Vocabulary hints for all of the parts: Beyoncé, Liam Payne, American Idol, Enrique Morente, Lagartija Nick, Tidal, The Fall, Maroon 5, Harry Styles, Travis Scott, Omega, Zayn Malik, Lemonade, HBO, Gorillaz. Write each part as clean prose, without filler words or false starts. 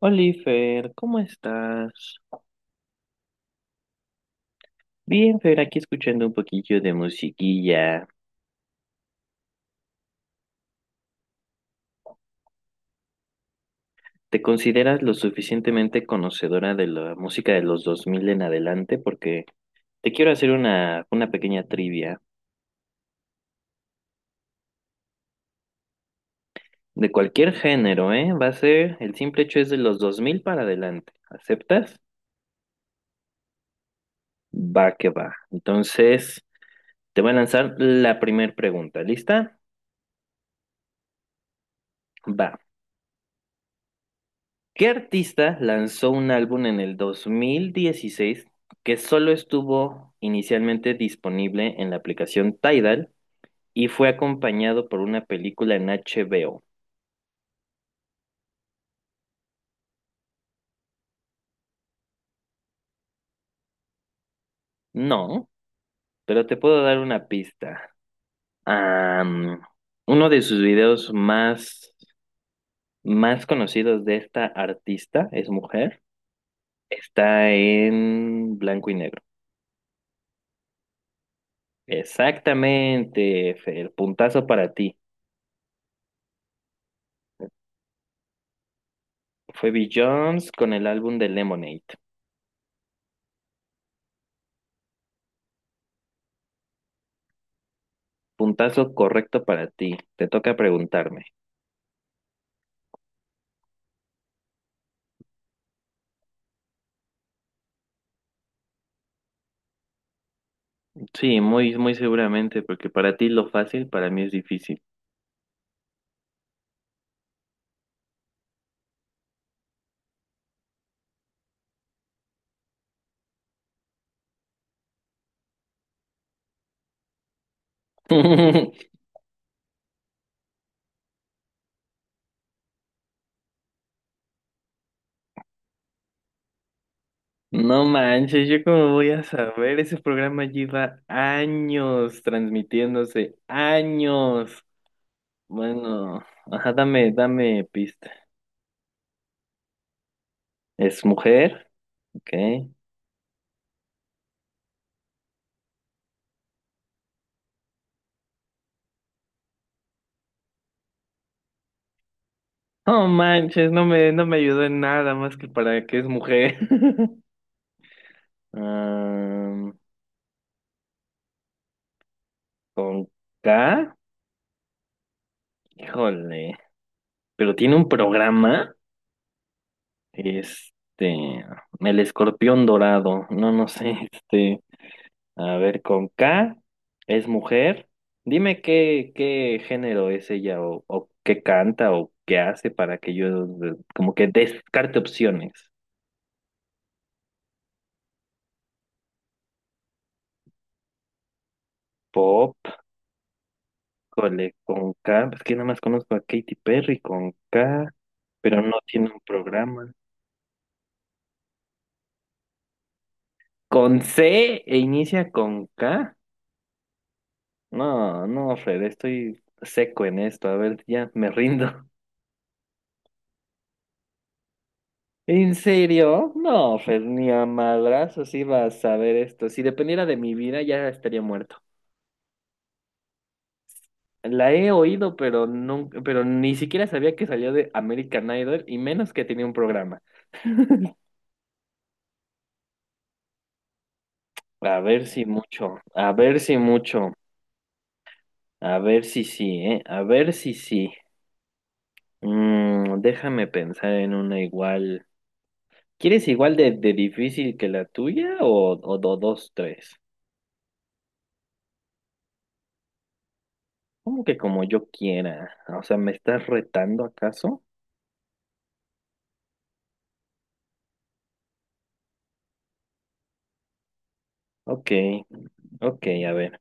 Oliver, ¿cómo estás? Bien, Fer, aquí escuchando un poquillo de musiquilla. ¿Te consideras lo suficientemente conocedora de la música de los 2000 en adelante? Porque te quiero hacer una pequeña trivia. De cualquier género, ¿eh? Va a ser, el simple hecho es de los 2000 para adelante. ¿Aceptas? Va que va. Entonces, te voy a lanzar la primera pregunta. ¿Lista? Va. ¿Qué artista lanzó un álbum en el 2016 que solo estuvo inicialmente disponible en la aplicación Tidal y fue acompañado por una película en HBO? No, pero te puedo dar una pista. Am, Uno de sus videos más, más conocidos de esta artista, es mujer, está en blanco y negro. Exactamente, Fer, puntazo para ti. Fue Jones con el álbum de Lemonade. Puntazo correcto para ti. Te toca preguntarme. Sí, muy, muy seguramente, porque para ti lo fácil, para mí es difícil. No manches, yo cómo voy a saber, ese programa lleva años transmitiéndose, años. Bueno, ajá, dame pista. Es mujer, ok. No manches, no me ayudó en nada más que para que es mujer. Ah, con K, híjole, pero tiene un programa. Este, el escorpión dorado, no, no sé, este, a ver, con K, es mujer. Dime qué, qué género es ella o qué canta o qué hace para que yo como que descarte opciones. Pop, cole, con K, pues que nada más conozco a Katy Perry con K, pero no tiene un programa. Con C e inicia con K. No, no, Fred, estoy seco en esto, a ver, ya me rindo. ¿En serio? No, Fer, ni a madrazos iba a saber esto. Si dependiera de mi vida, ya estaría muerto. La he oído, pero nunca, pero ni siquiera sabía que salió de American Idol y menos que tenía un programa. A ver si mucho, a ver si mucho, a ver si sí, ¿eh? A ver si sí. Déjame pensar en una igual. ¿Quieres igual de difícil que la tuya o dos, tres? Como que como yo quiera. O sea, ¿me estás retando acaso? Ok. Ok, a ver.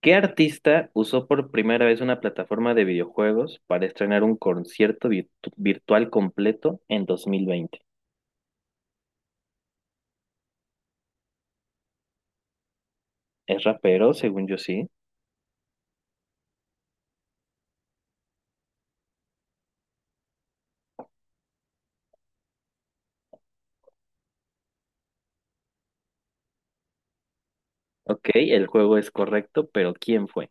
¿Qué artista usó por primera vez una plataforma de videojuegos para estrenar un concierto virtual completo en 2020? ¿Es rapero, según yo sí? Ok, el juego es correcto, pero ¿quién fue?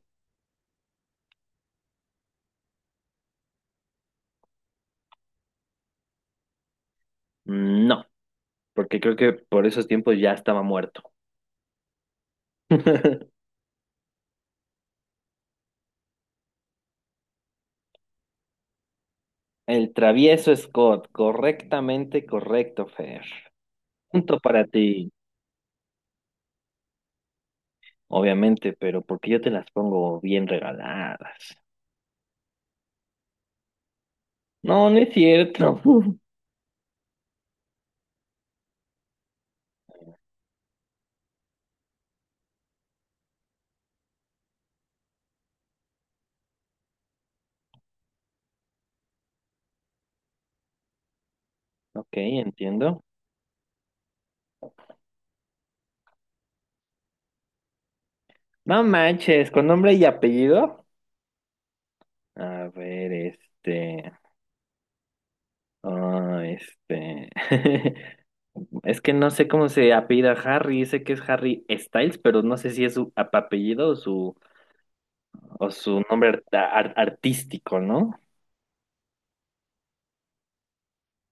No, porque creo que por esos tiempos ya estaba muerto. El travieso Scott, correctamente correcto, Fer. Punto para ti, obviamente, pero porque yo te las pongo bien regaladas. No, no es cierto. Ok, entiendo. No manches, con nombre y apellido. A ver, este. Ah, este. Es que no sé cómo se apellida Harry. Sé que es Harry Styles, pero no sé si es su apellido o su nombre artístico, ¿no?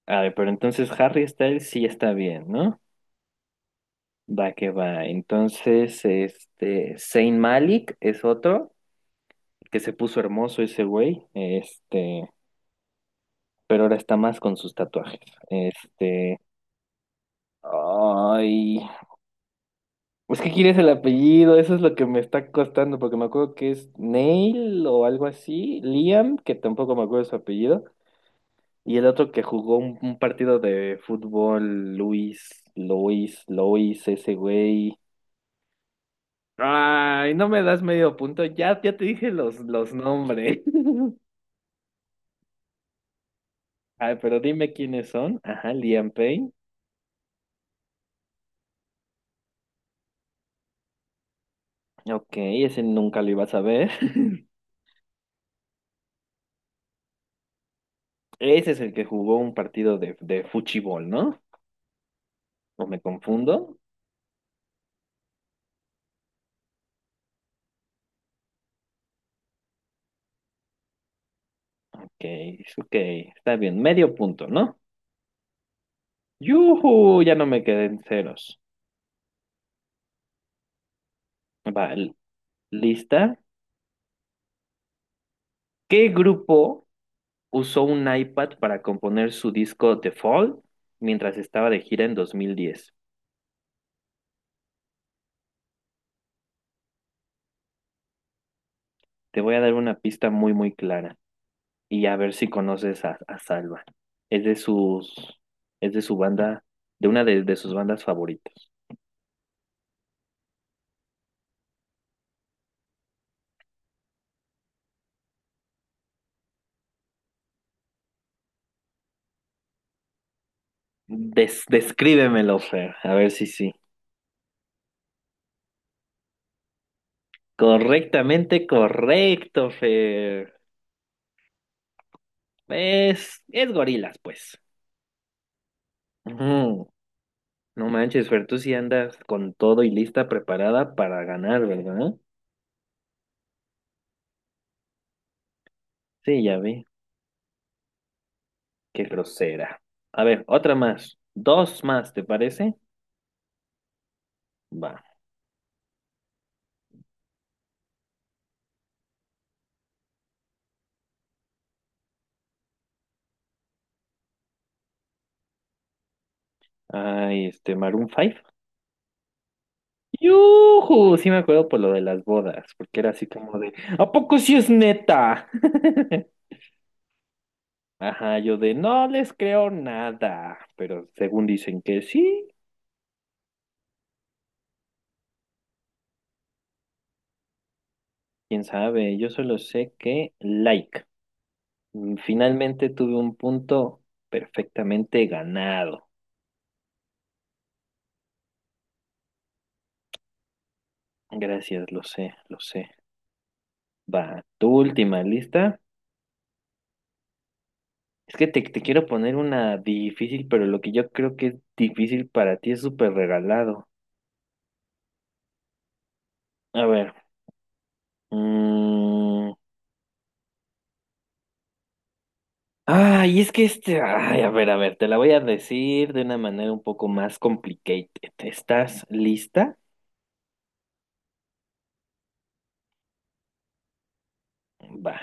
A ver, pero entonces Harry Styles sí está bien, ¿no? Va que va. Entonces, este. Zayn Malik es otro que se puso hermoso ese güey. Este. Pero ahora está más con sus tatuajes. Este. Ay, ¿es que quieres el apellido, eso es lo que me está costando, porque me acuerdo que es Neil o algo así, Liam, que tampoco me acuerdo su apellido, y el otro que jugó un partido de fútbol, Luis, ese güey. Ay, no me das medio punto, ya te dije los nombres. Ay, pero dime quiénes son. Ajá, Liam Payne. Ok, ese nunca lo ibas a ver. Ese es el que jugó un partido de fútbol, ¿no? ¿O me confundo? Ok, ok, está bien, medio punto, ¿no? ¡Yuhu! Ya no me quedé en ceros. Vale, ¿lista? ¿Qué grupo usó un iPad para componer su disco The Fall mientras estaba de gira en 2010? Te voy a dar una pista muy, muy clara y a ver si conoces a Salva. Es de sus, es de su banda, de sus bandas favoritas. Descríbemelo, Fer, a ver si sí. Correctamente correcto, Fer. Es gorilas, pues. Ujú. No manches, Fer, tú sí andas con todo y lista preparada para ganar, ¿verdad? Sí, ya vi. Qué grosera. A ver, otra más. Dos más, ¿te parece? Va. Ay, este, Maroon 5. ¡Yujú! Sí me acuerdo por lo de las bodas, porque era así como de, ¿a poco sí es neta? Ajá, yo de, no les creo nada, pero según dicen que sí. Quién sabe, yo solo sé que like. Finalmente tuve un punto perfectamente ganado. Gracias, lo sé, lo sé. Va, tu última, ¿lista? Es que te quiero poner una difícil, pero lo que yo creo que es difícil para ti es súper regalado. A ver. mm, Ay, es que este. Ay, a ver, te la voy a decir de una manera un poco más complicated. ¿Estás lista? Va.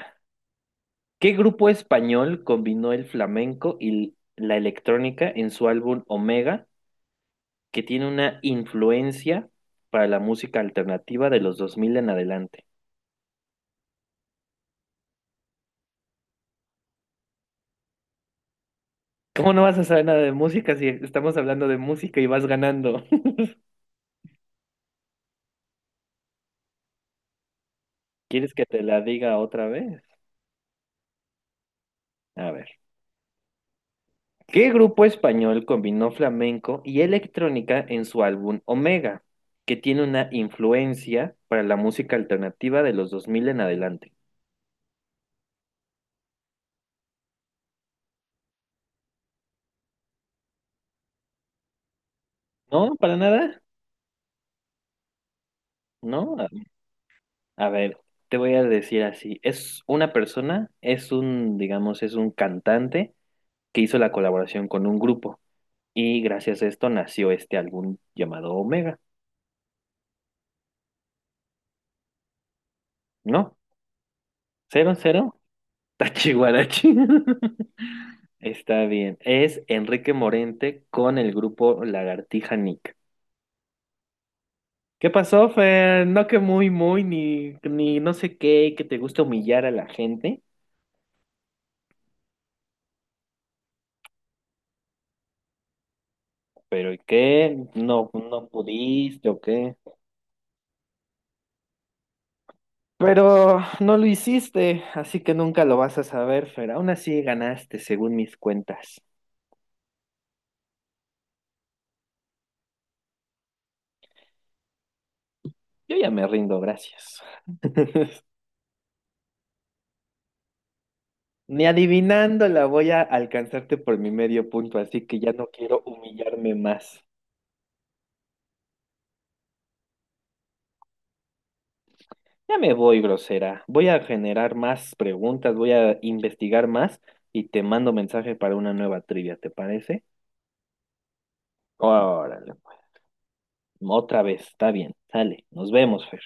¿Qué grupo español combinó el flamenco y la electrónica en su álbum Omega, que tiene una influencia para la música alternativa de los 2000 en adelante? ¿Cómo no vas a saber nada de música si estamos hablando de música y vas ganando? ¿Quieres que te la diga otra vez? A ver. ¿Qué grupo español combinó flamenco y electrónica en su álbum Omega, que tiene una influencia para la música alternativa de los 2000 en adelante? ¿No? ¿Para nada? ¿No? A ver, te voy a decir así. Es una persona, es un, digamos, es un cantante que hizo la colaboración con un grupo y gracias a esto nació este álbum llamado Omega, ¿no? Cero, cero, Tachihuarachi. Está bien. Es Enrique Morente con el grupo Lagartija Nick. ¿Qué pasó, Fer? No que muy, muy, ni no sé qué, que te gusta humillar a la gente, pero ¿y qué? ¿No, no pudiste o qué? Pero no lo hiciste, así que nunca lo vas a saber, Fer. Aún así ganaste, según mis cuentas. Yo ya me rindo, gracias. Ni adivinándola voy a alcanzarte por mi medio punto, así que ya no quiero humillarme más. Ya me voy, grosera. Voy a generar más preguntas, voy a investigar más y te mando mensaje para una nueva trivia, ¿te parece? Órale, pues. Otra vez, está bien. Sale, nos vemos, Fer.